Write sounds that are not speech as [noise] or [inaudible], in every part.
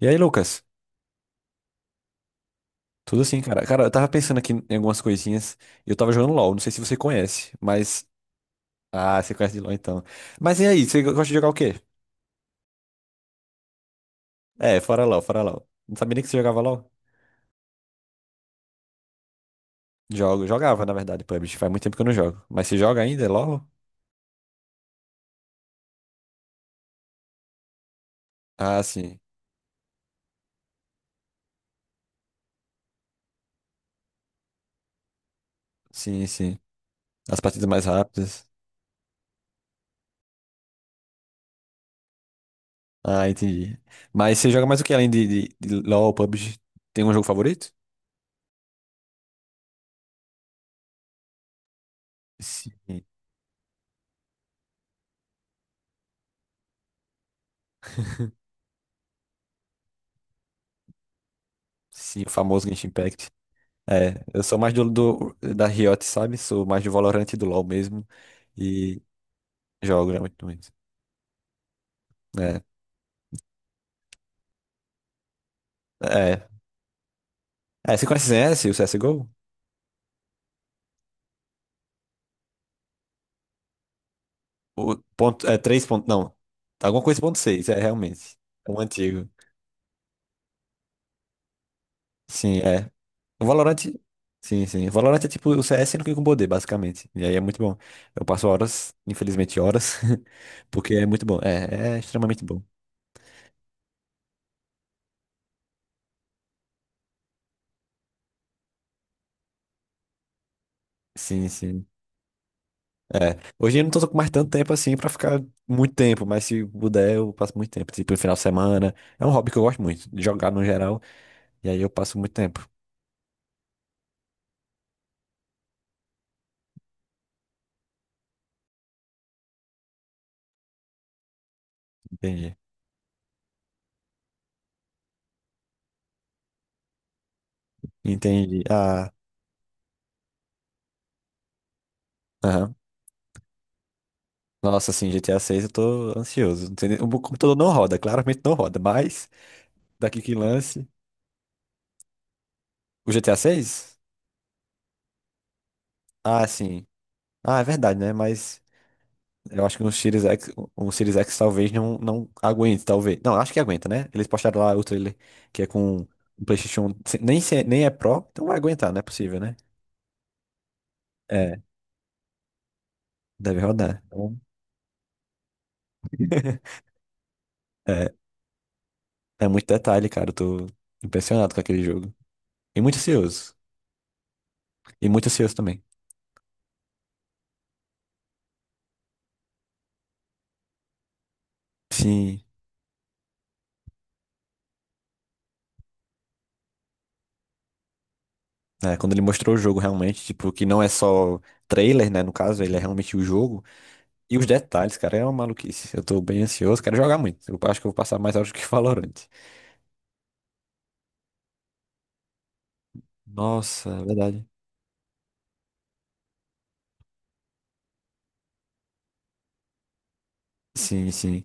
E aí, Lucas? Tudo assim, cara. Cara, eu tava pensando aqui em algumas coisinhas. Eu tava jogando LoL, não sei se você conhece, mas. Ah, você conhece de LoL então. Mas e aí, você gosta de jogar o quê? É, fora LoL, fora LoL. Não sabia nem que você jogava LoL? Jogo, jogava, na verdade, PUBG. Faz muito tempo que eu não jogo. Mas você joga ainda, é LoL? Ah, sim. Sim, sim. As partidas mais rápidas. Ah, entendi. Mas você joga mais o que além de LoL, PUBG? Tem um jogo favorito? Sim. [laughs] Sim, o famoso Genshin Impact. É, eu sou mais da Riot, sabe? Sou mais do Valorant e do LoL mesmo. E jogo, né? Muito menos. É, é. É, você conhece CS, o CSGO? O ponto, é 3 ponto, não. Alguma coisa ponto 6 é realmente. É um antigo. Sim, é. O Valorant, sim, sim. O Valorant é tipo o CS no que com poder, basicamente. E aí é muito bom. Eu passo horas, infelizmente horas, [laughs] porque é muito bom. É, é extremamente bom. Sim, sim. É, hoje eu não tô com mais tanto tempo assim pra ficar muito tempo, mas se puder eu passo muito tempo, tipo, no final de semana. É um hobby que eu gosto muito, de jogar no geral, e aí eu passo muito tempo. Entendi. Entendi. Ah, aham. Nossa, assim, GTA 6 eu tô ansioso. Não sei. O meu computador não roda, claramente não roda, mas daqui que lance. O GTA 6? Ah, sim. Ah, é verdade, né? Mas eu acho que no Series X, o Series X talvez não, não aguente, talvez. Não, acho que aguenta, né? Eles postaram lá o trailer que é com o PlayStation, nem, nem é Pro, então vai aguentar, não é possível, né? É, deve rodar. Então, [laughs] é, é muito detalhe, cara. Eu tô impressionado com aquele jogo. E muito ansioso. E muito ansioso também. Sim. É, quando ele mostrou o jogo realmente, tipo, que não é só trailer, né? No caso, ele é realmente o jogo. E os detalhes, cara, é uma maluquice. Eu tô bem ansioso, quero jogar muito. Eu acho que eu vou passar mais horas do que [laughs] Valorant. Nossa, é verdade. Sim, sim.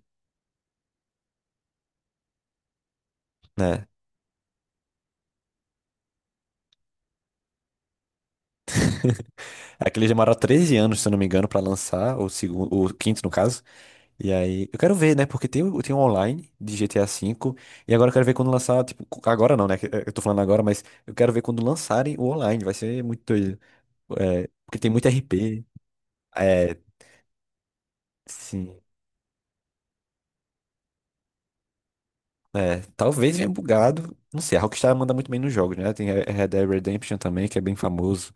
É. [laughs] Aquele demorou 13 anos, se eu não me engano, pra lançar, o segundo, o quinto, no caso. E aí, eu quero ver, né? Porque tem, tem um online de GTA V. E agora eu quero ver quando lançar, tipo, agora não, né? que eu tô falando agora, mas eu quero ver quando lançarem o online. Vai ser muito doido. É, porque tem muito RP. É, sim. É, talvez venha bugado. Não sei, a Rockstar manda muito bem nos jogos, né? Tem Red Dead Redemption também, que é bem famoso.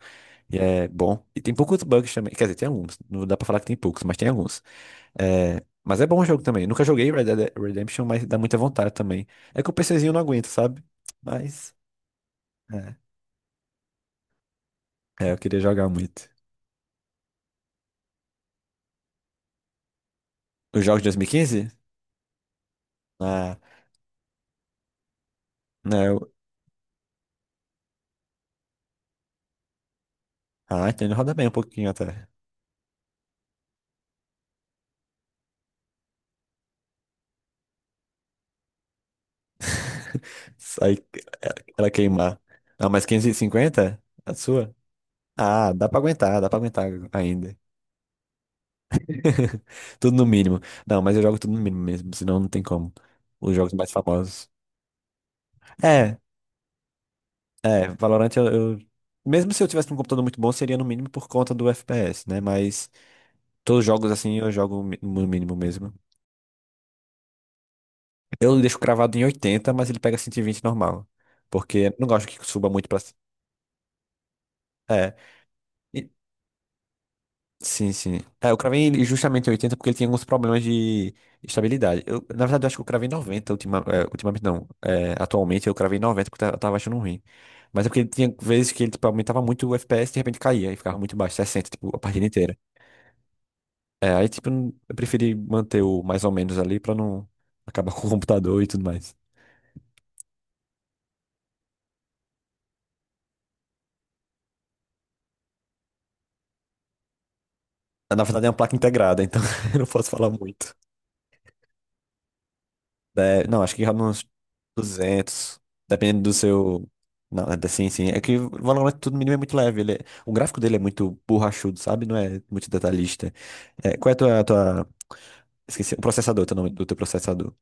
E é bom. E tem poucos bugs também. Quer dizer, tem alguns. Não dá pra falar que tem poucos, mas tem alguns. É, mas é bom o jogo também. Nunca joguei Red Dead Redemption, mas dá muita vontade também. É que o PCzinho não aguenta, sabe? Mas. É, é, eu queria jogar muito. Os jogos de 2015? Ah, não. Ah, então ele roda bem um pouquinho até. Sai ela queimar. Ah, mas 550? A sua? Ah, dá pra aguentar ainda. [laughs] Tudo no mínimo. Não, mas eu jogo tudo no mínimo mesmo, senão não tem como. Os jogos mais famosos. É, é, Valorant eu. Mesmo se eu tivesse um computador muito bom, seria no mínimo por conta do FPS, né? Mas todos os jogos assim eu jogo no mínimo mesmo. Eu deixo cravado em 80, mas ele pega 120 normal. Porque eu não gosto que suba muito pra. É. e- Sim, sim. É, eu cravei ele justamente em 80 porque ele tinha alguns problemas de estabilidade. Eu, na verdade, eu acho que eu cravei em 90 ultimamente, não. É, atualmente eu cravei em 90 porque eu tava achando ruim. Mas é porque ele tinha vezes que ele tipo, aumentava muito o FPS e de repente caía e ficava muito baixo, 60 tipo, a partida inteira. É, aí, tipo, eu preferi manter o mais ou menos ali pra não acabar [laughs] com o computador e tudo mais. Na verdade, é uma placa integrada, então [laughs] eu não posso falar muito. É, não, acho que cabe uns 200 dependendo do seu. Não, sim, sim. É que o Valorant tudo mínimo é muito leve. O gráfico dele é muito borrachudo, sabe? Não é muito detalhista. É, qual é a tua, a tua. Esqueci, o processador, teu nome do teu processador.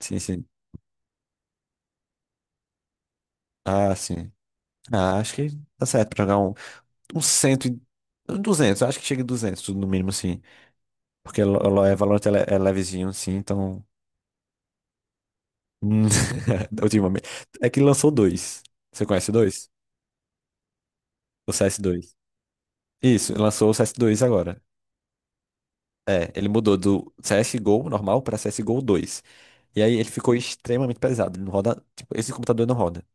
Sim, sim. Ah, sim. Ah, acho que tá certo pra jogar um, 100, um 200, acho que chega em 200, no mínimo, sim. Porque é Valorant é é levezinho, assim, então. Hum, [laughs] ultimamente. É que lançou dois. Você conhece dois? O CS dois? Isso, lançou o CS dois agora. É, ele mudou do CSGO normal pra CSGO dois. E aí ele ficou extremamente pesado. Ele não roda. Tipo, esse computador não roda.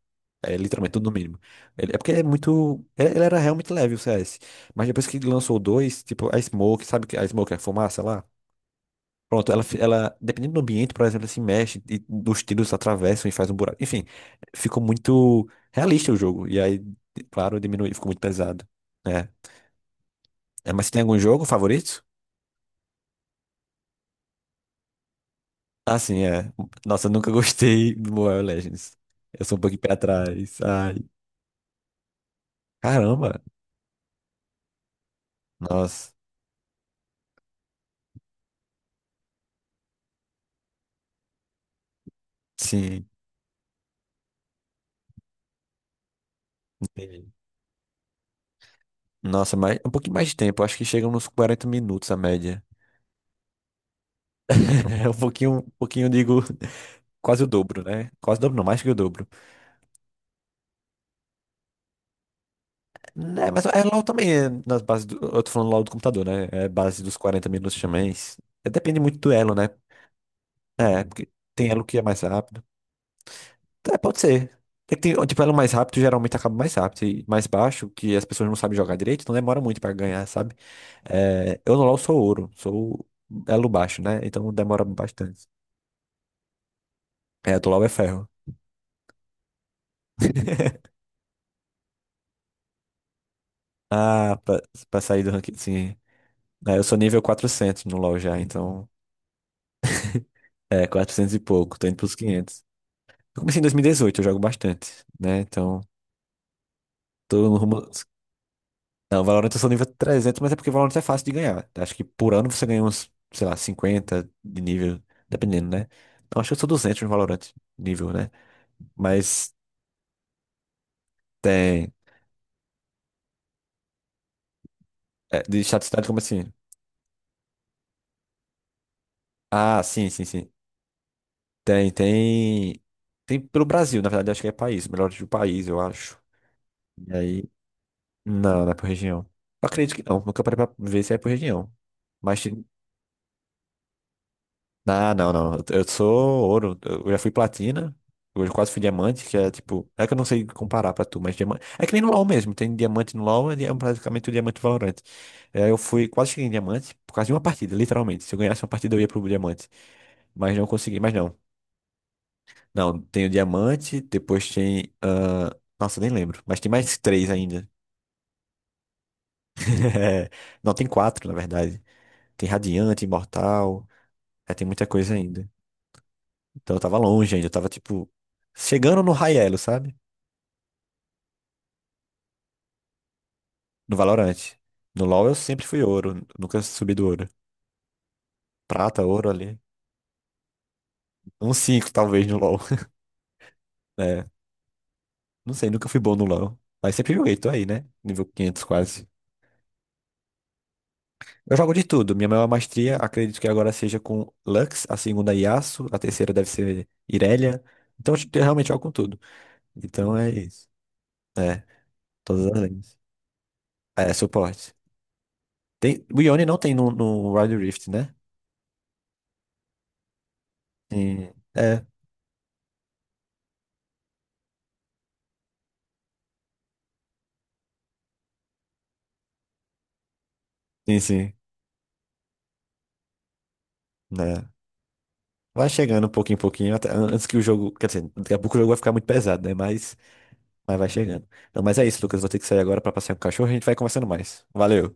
É literalmente tudo no mínimo. É porque é muito. Ele era realmente leve o CS. Mas depois que lançou o 2, tipo, a Smoke, sabe que a Smoke é a fumaça lá? Pronto, ela, dependendo do ambiente, por exemplo, ela se mexe e os tiros atravessam e faz um buraco. Enfim, ficou muito realista o jogo. E aí, claro, diminui, ficou muito pesado. É. É, mas você tem algum jogo favorito? Ah, sim, é. Nossa, eu nunca [laughs] gostei do Mobile Legends. Eu sou um pouquinho pé atrás. Ai, caramba. Nossa, sim, entendi. Nossa, mas um pouquinho mais de tempo. Acho que chegam nos 40 minutos a média. [laughs] É um pouquinho, digo, [laughs] quase o dobro, né? Quase o dobro, não, mais que o dobro. Né, mas é LOL também, é nas bases do, eu tô falando LOL do computador, né? É base dos 40 minutos também. É, depende muito do elo, né? É, porque tem elo que é mais rápido. É, pode ser. É que tem, tipo, elo mais rápido geralmente acaba mais rápido. E mais baixo, que as pessoas não sabem jogar direito, então demora muito pra ganhar, sabe? É, eu no LoL sou ouro, sou elo baixo, né? Então demora bastante. É, eu tô LoL é ferro. [laughs] Ah, pra sair do ranking, sim. É, eu sou nível 400 no LoL já, então é 400 e pouco, tô indo pros 500. Eu comecei em 2018, eu jogo bastante, né? Então, tô no rumo. Não, Valorant eu sou nível 300, mas é porque Valorant é fácil de ganhar. Acho que por ano você ganha uns, sei lá, 50 de nível, dependendo, né? Não, acho que eu sou 200 no Valorant, nível, né? Mas tem. É, de estatística, como assim? Ah, sim, sim, sim. Tem, tem. Tem pelo Brasil, na verdade, acho que é país, melhor do país, eu acho. E aí. Não, não é por região. Eu acredito que não, nunca parei pra ver se é por região. Mas ah, não, não. Eu sou ouro. Eu já fui platina. Hoje eu quase fui diamante, que é tipo. É que eu não sei comparar pra tu, mas diamante. É que nem no LoL mesmo. Tem diamante no LoL, ele é praticamente o diamante valorante. É, eu fui, quase cheguei em diamante por causa de uma partida, literalmente. Se eu ganhasse uma partida, eu ia pro diamante. Mas não consegui, mas não. Não, tem o diamante, depois tem. Ah, nossa, nem lembro. Mas tem mais três ainda. [laughs] É, não, tem quatro, na verdade. Tem radiante, imortal. É, tem muita coisa ainda. Então eu tava longe ainda, eu tava tipo chegando no high sabe? No Valorant. No LoL eu sempre fui ouro, nunca subi do ouro. Prata, ouro ali. Um 5 talvez no LoL. [laughs] É, não sei, nunca fui bom no LoL. Mas sempre joguei, tô aí, né? Nível 500 quase. Eu jogo de tudo. Minha maior maestria, acredito que agora seja com Lux, a segunda Yasuo, a terceira deve ser Irelia. Então eu realmente jogo com tudo. Então é isso. É, todas as lanes. É, suporte. Tem, o Yone não tem no, no Wild Rift, né? Tem. É. Sim, sim. Né? Vai chegando um pouquinho em pouquinho, antes que o jogo. Quer dizer, daqui a pouco o jogo vai ficar muito pesado, né? Mas vai chegando. Não, mas é isso, Lucas. Vou ter que sair agora pra passear com o cachorro e a gente vai conversando mais. Valeu.